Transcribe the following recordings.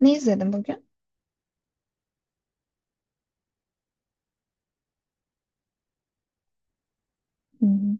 Ne izledin bugün? Hmm.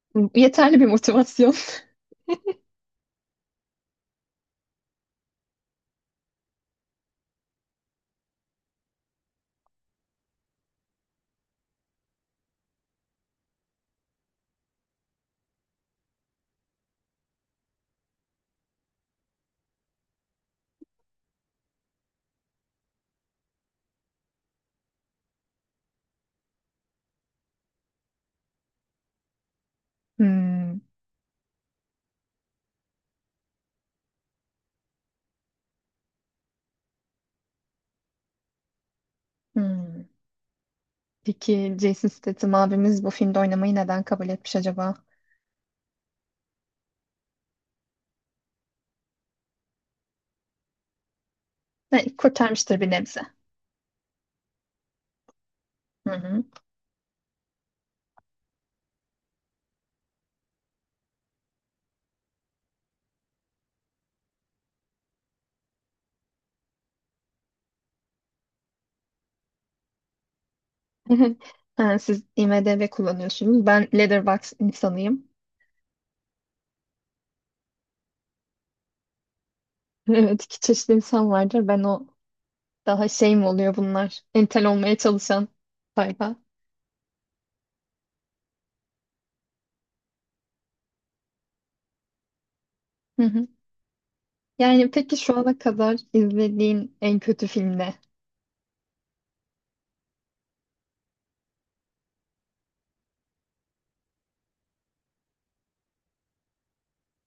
Yeterli bir motivasyon. Hmm, hmm. Peki Jason Statham abimiz bu filmde oynamayı neden kabul etmiş acaba? Ne, kurtarmıştır bir nebze. Hı hı. Ha, siz IMDb kullanıyorsunuz. Ben Letterboxd insanıyım. Evet, iki çeşitli insan vardır. Ben o daha şey mi oluyor bunlar? Entel olmaya çalışan sayfa. Hı hı. Yani peki şu ana kadar izlediğin en kötü film ne?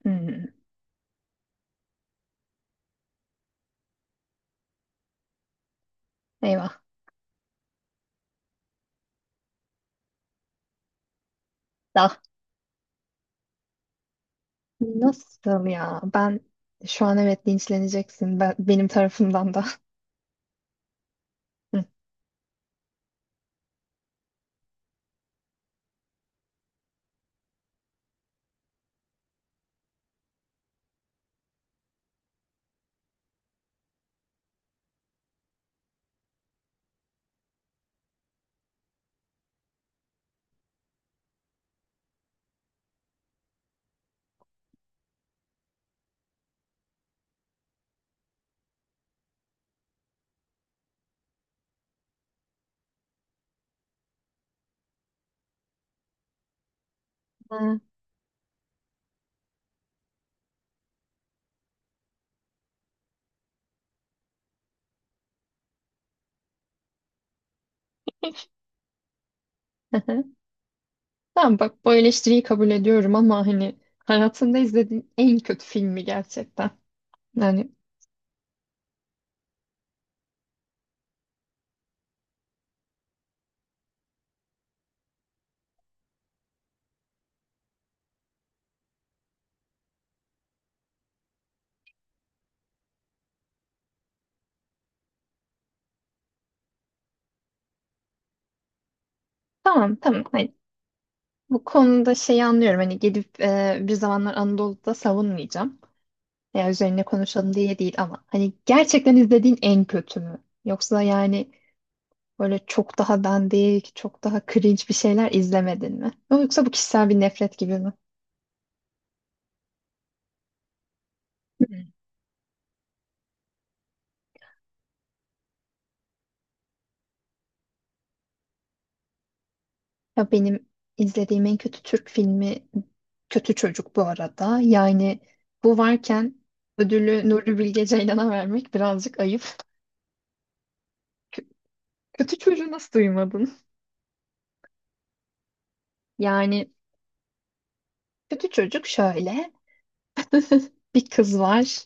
Hmm. Eyvah. Nasıl ya? Ben şu an evet linçleneceksin. Benim tarafımdan da. Hı. Ha, hı hı. Tamam bak bu eleştiriyi kabul ediyorum ama hani hayatında izlediğin en kötü filmi gerçekten. Yani tamam hani bu konuda şeyi anlıyorum hani gidip bir zamanlar Anadolu'da savunmayacağım. Ya üzerine konuşalım diye değil ama hani gerçekten izlediğin en kötü mü? Yoksa yani böyle çok daha dandik, çok daha cringe bir şeyler izlemedin mi? Yoksa bu kişisel bir nefret gibi mi? Hmm. Ya benim izlediğim en kötü Türk filmi Kötü Çocuk bu arada. Yani bu varken ödülü Nuri Bilge Ceylan'a vermek birazcık ayıp. Kö- Kötü çocuğu nasıl duymadın? Yani kötü çocuk şöyle. Bir kız var.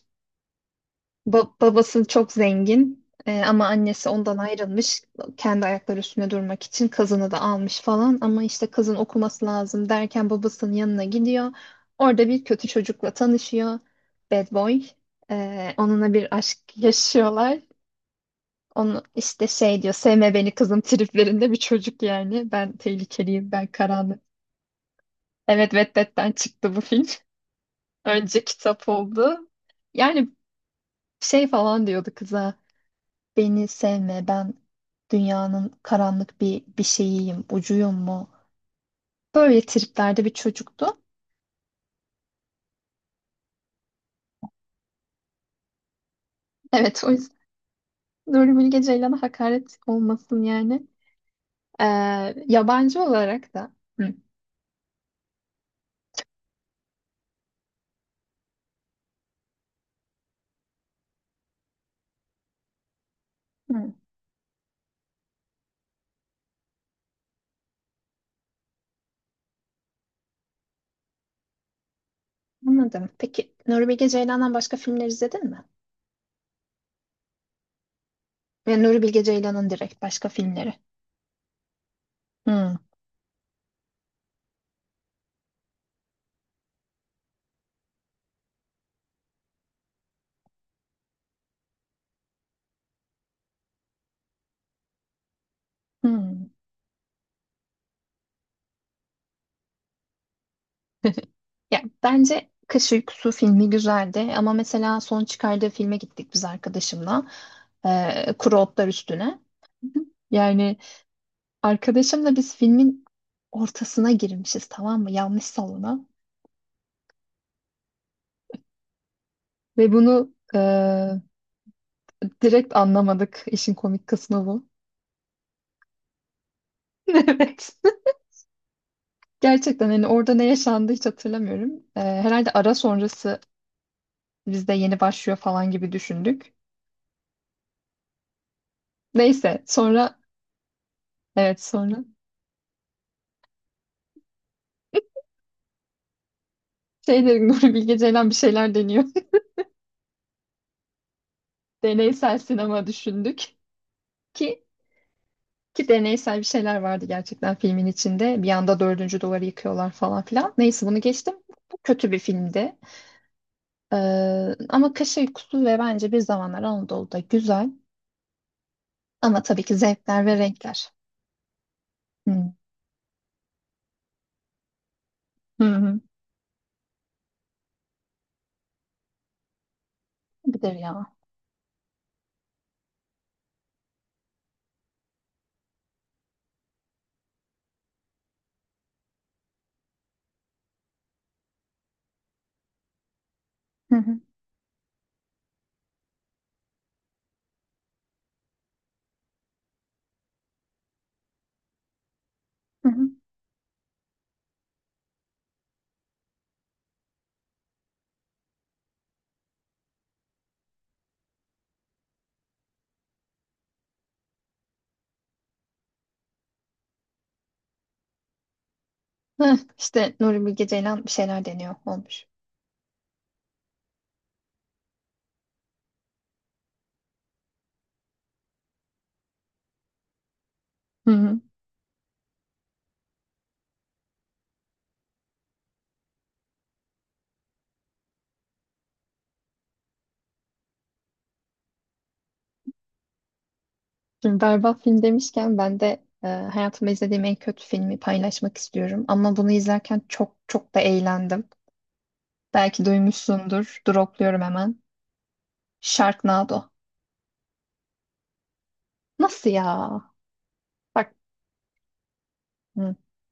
Babası çok zengin ama annesi ondan ayrılmış. Kendi ayakları üstüne durmak için kızını da almış falan. Ama işte kızın okuması lazım derken babasının yanına gidiyor. Orada bir kötü çocukla tanışıyor. Bad boy. Onunla bir aşk yaşıyorlar. Onu işte şey diyor sevme beni kızım triplerinde bir çocuk yani. Ben tehlikeliyim ben karanlık. Evet, Wattpad'den çıktı bu film. Önce kitap oldu. Yani şey falan diyordu kıza. Beni sevme, ben dünyanın karanlık bir şeyiyim, ucuyum mu? Böyle triplerde bir çocuktu. Evet, o yüzden Nuri Bilge Ceylan'a hakaret olmasın yani. Ee, Yabancı olarak da. Hı. Hı, anladım. Peki Nuri Bilge Ceylan'dan başka filmler izledin mi? Yani Nuri Bilge Ceylan'ın direkt başka filmleri. Hı. Hı. Ya bence Kış Uykusu filmi güzeldi ama mesela son çıkardığı filme gittik biz arkadaşımla. Kuru Otlar Üstüne. Yani arkadaşımla biz filmin ortasına girmişiz tamam mı? Yanlış salona. Ve bunu direkt anlamadık. İşin komik kısmı bu. Evet. Gerçekten hani orada ne yaşandı hiç hatırlamıyorum. Herhalde ara sonrası bizde yeni başlıyor falan gibi düşündük. Neyse sonra şey dedim. Nuri Bilge Ceylan bir şeyler deniyor. Deneysel sinema düşündük ki ki deneysel bir şeyler vardı gerçekten filmin içinde. Bir anda dördüncü duvarı yıkıyorlar falan filan. Neyse bunu geçtim. Bu kötü bir filmdi. Ee, Ama Kış Uykusu ve bence Bir Zamanlar Anadolu'da güzel. Ama tabii ki zevkler ve renkler. Hı hı. Hı. Budur ya. Hı hı. Hı hı. Heh, İşte Nuri Bilge Ceylan bir şeyler deniyor olmuş. Hı hı. Şimdi berbat film demişken ben de hayatımda izlediğim en kötü filmi paylaşmak istiyorum. Ama bunu izlerken çok çok da eğlendim. Belki duymuşsundur. Dropluyorum hemen. Sharknado. Nasıl ya? Bak. Hı.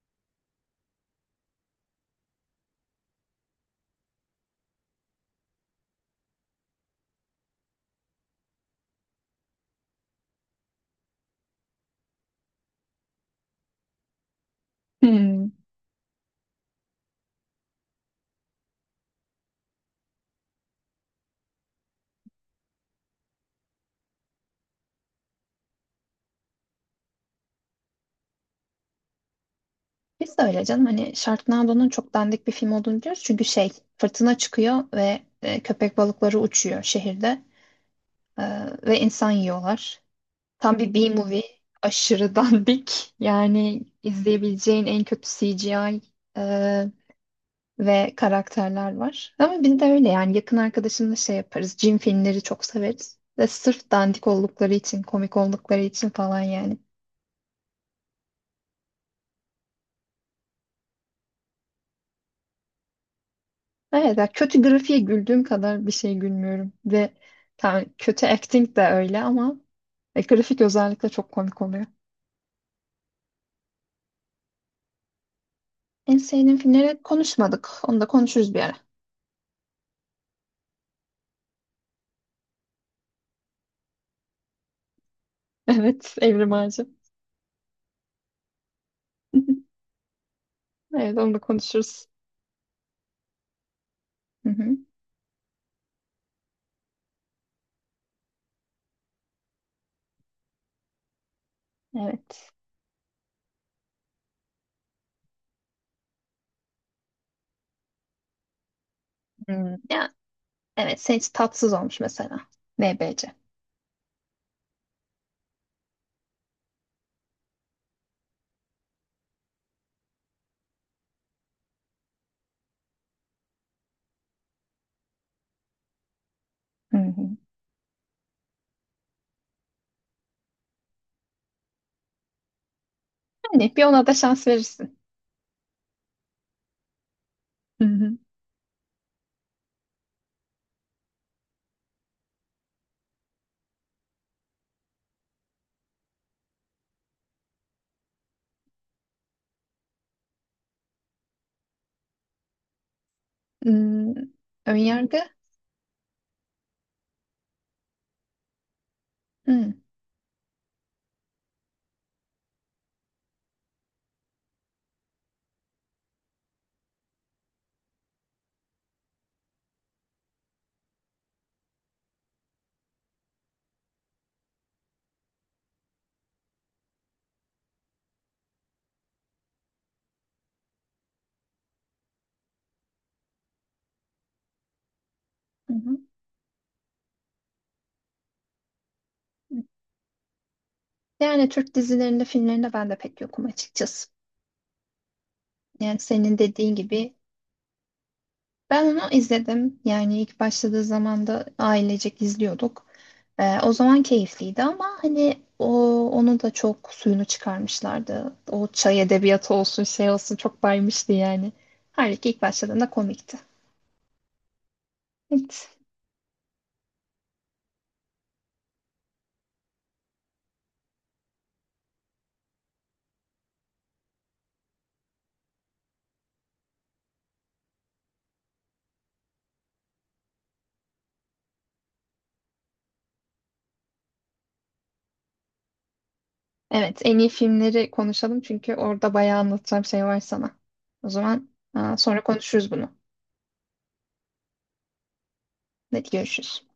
Hmm. Biz de öyle canım. Hani Sharknado'nun çok dandik bir film olduğunu biliyoruz. Çünkü şey fırtına çıkıyor ve köpek balıkları uçuyor şehirde. E, Ve insan yiyorlar. Tam bir B-movie. Aşırı dandik. Yani izleyebileceğin en kötü CGI ve karakterler var. Ama biz de öyle yani yakın arkadaşımla şey yaparız. Cin filmleri çok severiz. Ve sırf dandik oldukları için, komik oldukları için falan yani. Evet, ya kötü grafiğe güldüğüm kadar bir şey gülmüyorum. Ve tamam, kötü acting de öyle ama grafik özellikle çok komik oluyor. En sevdiğim filmleri konuşmadık. Onu da konuşuruz bir ara. Evet, Evrim Ağacı. Evet, onu da konuşuruz. Hı hı. Evet. Hmm, ya, evet, senin için tatsız olmuş mesela. NBC. Hı hı. Yani bir ona da şans verirsin. Hı hı. Hmm, önyargı? Hı, hı hı. Yani Türk dizilerinde, filmlerinde ben de pek yokum açıkçası. Yani senin dediğin gibi ben onu izledim. Yani ilk başladığı zaman da ailecek izliyorduk. O zaman keyifliydi ama hani onu da çok suyunu çıkarmışlardı. O çay edebiyatı olsun şey olsun çok baymıştı yani. Halbuki ilk başladığında komikti. Evet. Evet, en iyi filmleri konuşalım çünkü orada bayağı anlatacağım şey var sana. O zaman aa, sonra konuşuruz bunu. Hadi görüşürüz.